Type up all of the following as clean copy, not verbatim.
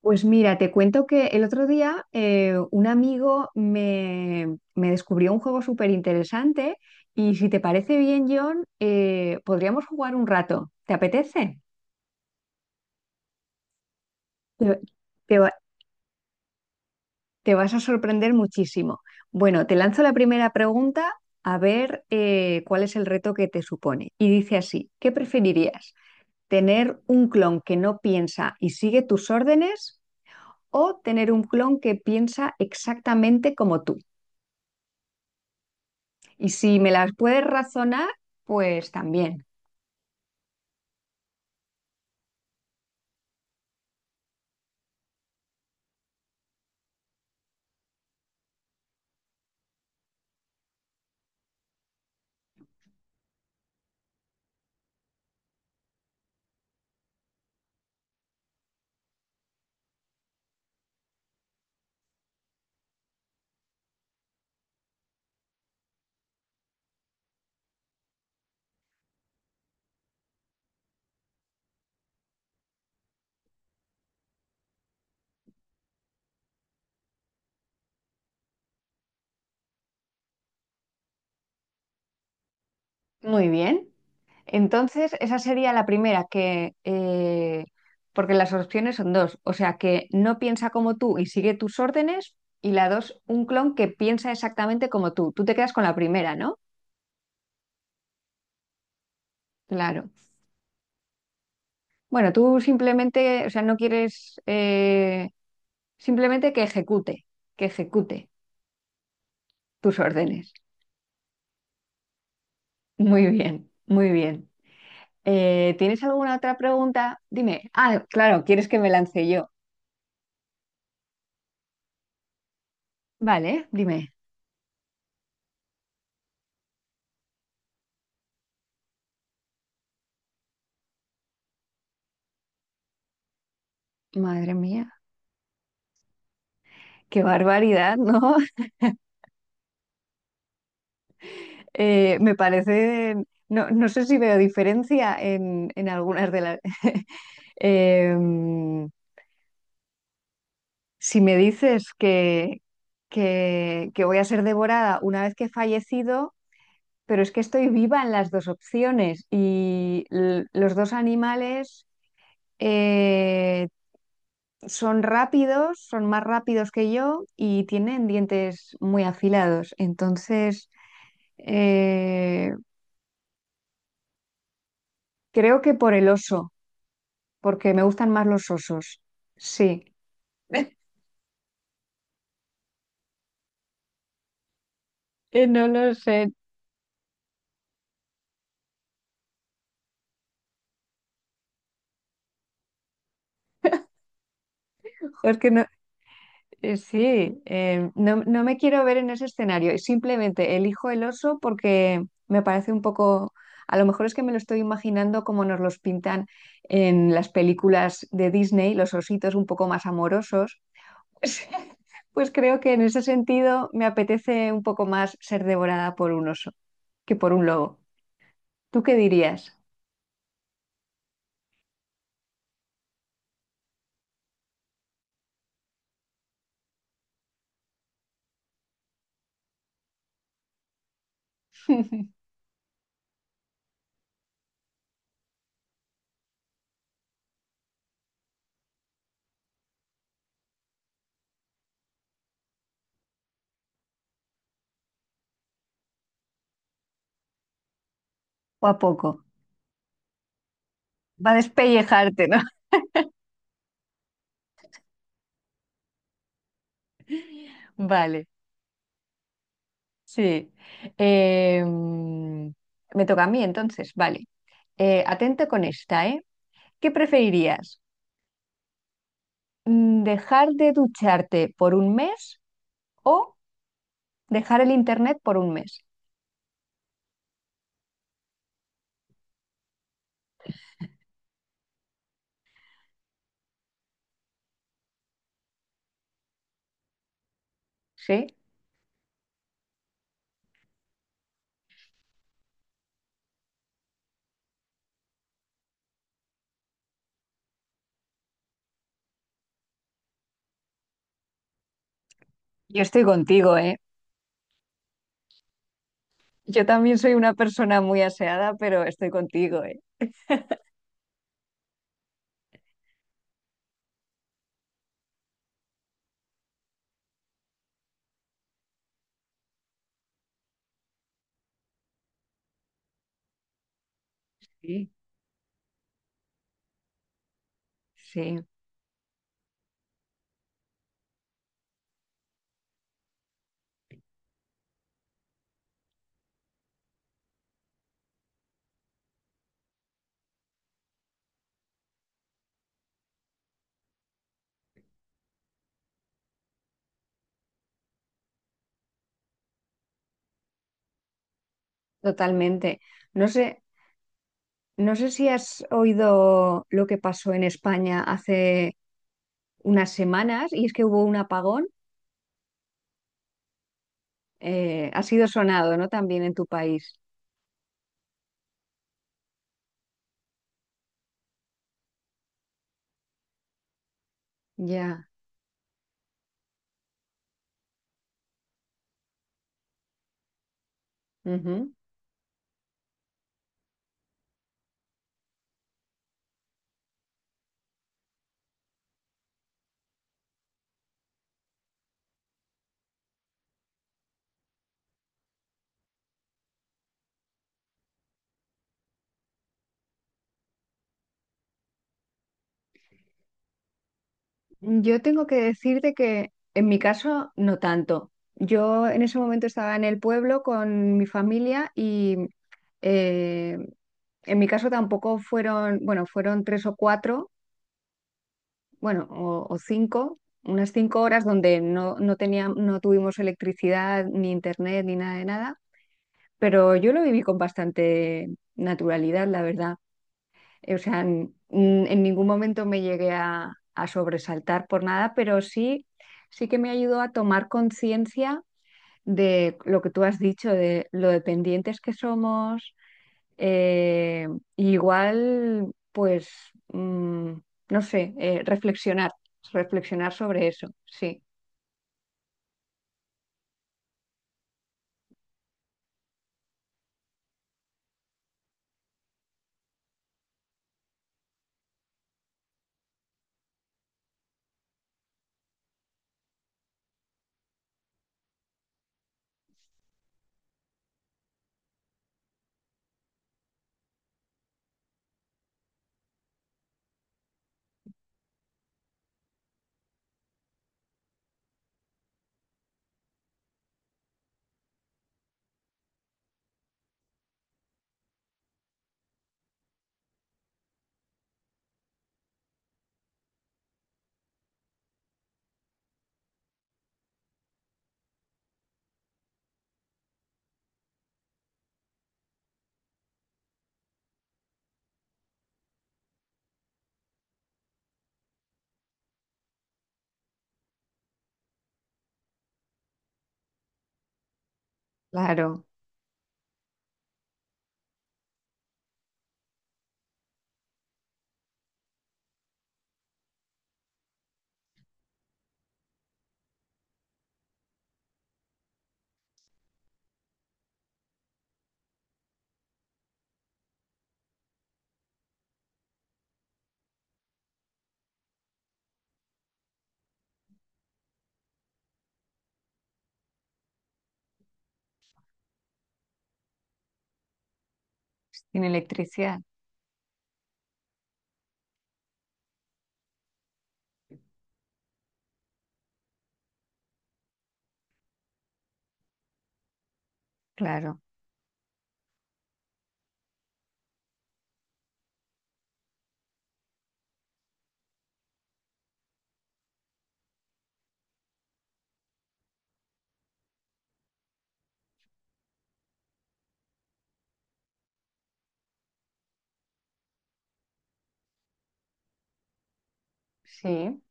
Pues mira, te cuento que el otro día un amigo me descubrió un juego súper interesante y si te parece bien, John, podríamos jugar un rato. ¿Te apetece? Te, te va- Te vas a sorprender muchísimo. Bueno, te lanzo la primera pregunta a ver cuál es el reto que te supone. Y dice así, ¿qué preferirías? ¿Tener un clon que no piensa y sigue tus órdenes o tener un clon que piensa exactamente como tú? Y si me las puedes razonar, pues también. Muy bien. Entonces, esa sería la primera, porque las opciones son dos, o sea, que no piensa como tú y sigue tus órdenes, y la dos, un clon que piensa exactamente como tú. Tú te quedas con la primera, ¿no? Claro. Bueno, tú simplemente, o sea, no quieres, simplemente que ejecute tus órdenes. Muy bien, muy bien. ¿tienes alguna otra pregunta? Dime. Ah, claro, ¿quieres que me lance yo? Vale, dime. Madre mía, qué barbaridad, ¿no? Me parece, no, no sé si veo diferencia en algunas de las... Em, si me dices que voy a ser devorada una vez que he fallecido, pero es que estoy viva en las dos opciones y los dos animales... eh, son rápidos, son más rápidos que yo y tienen dientes muy afilados. Entonces, eh, creo que por el oso, porque me gustan más los osos. Sí. No lo sé. Jo, es que sí, no, no me quiero ver en ese escenario. Simplemente elijo el oso porque me parece un poco, a lo mejor es que me lo estoy imaginando como nos los pintan en las películas de Disney, los ositos un poco más amorosos. Pues creo que en ese sentido me apetece un poco más ser devorada por un oso que por un lobo. ¿Tú qué dirías? ¿O a poco? Va a despellejarte, ¿no? Vale, sí. Eh, mm, Me toca a mí entonces, vale. Atento con esta, ¿eh? ¿Qué preferirías? ¿Dejar de ducharte por un mes o dejar el internet por un mes? Sí, yo estoy contigo, ¿eh? Yo también soy una persona muy aseada, pero estoy contigo, ¿eh? Sí, sí, totalmente. No sé, no sé si has oído lo que pasó en España hace unas semanas y es que hubo un apagón. Ha sido sonado, ¿no? También en tu país. Ya. Ujú. Yo tengo que decirte que en mi caso no tanto. Yo en ese momento estaba en el pueblo con mi familia y eh, en mi caso tampoco fueron, bueno, fueron tres o cuatro bueno, o cinco, unas cinco horas donde no, no tuvimos electricidad, ni internet, ni nada de nada, pero yo lo viví con bastante naturalidad, la verdad. O sea, en ningún momento me llegué a sobresaltar por nada, pero sí, sí que me ayudó a tomar conciencia de lo que tú has dicho, de lo dependientes que somos. eh, igual, mm, no sé, reflexionar sobre eso. Sí, claro, sin electricidad, claro, sí,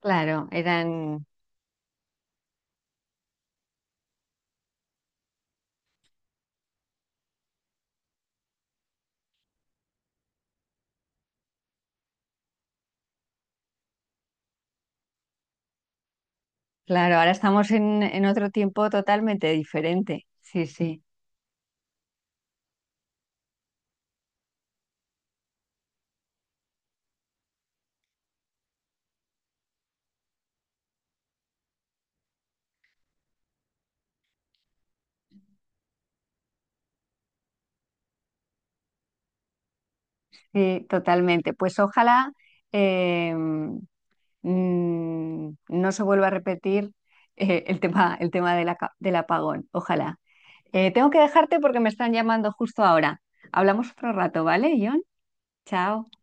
claro, eran, claro, ahora estamos en otro tiempo totalmente diferente. Sí, sí, sí, totalmente. Pues ojalá. em, no se vuelva a repetir el tema del apagón. Ojalá. Tengo que dejarte porque me están llamando justo ahora. Hablamos otro rato, ¿vale, John? Chao.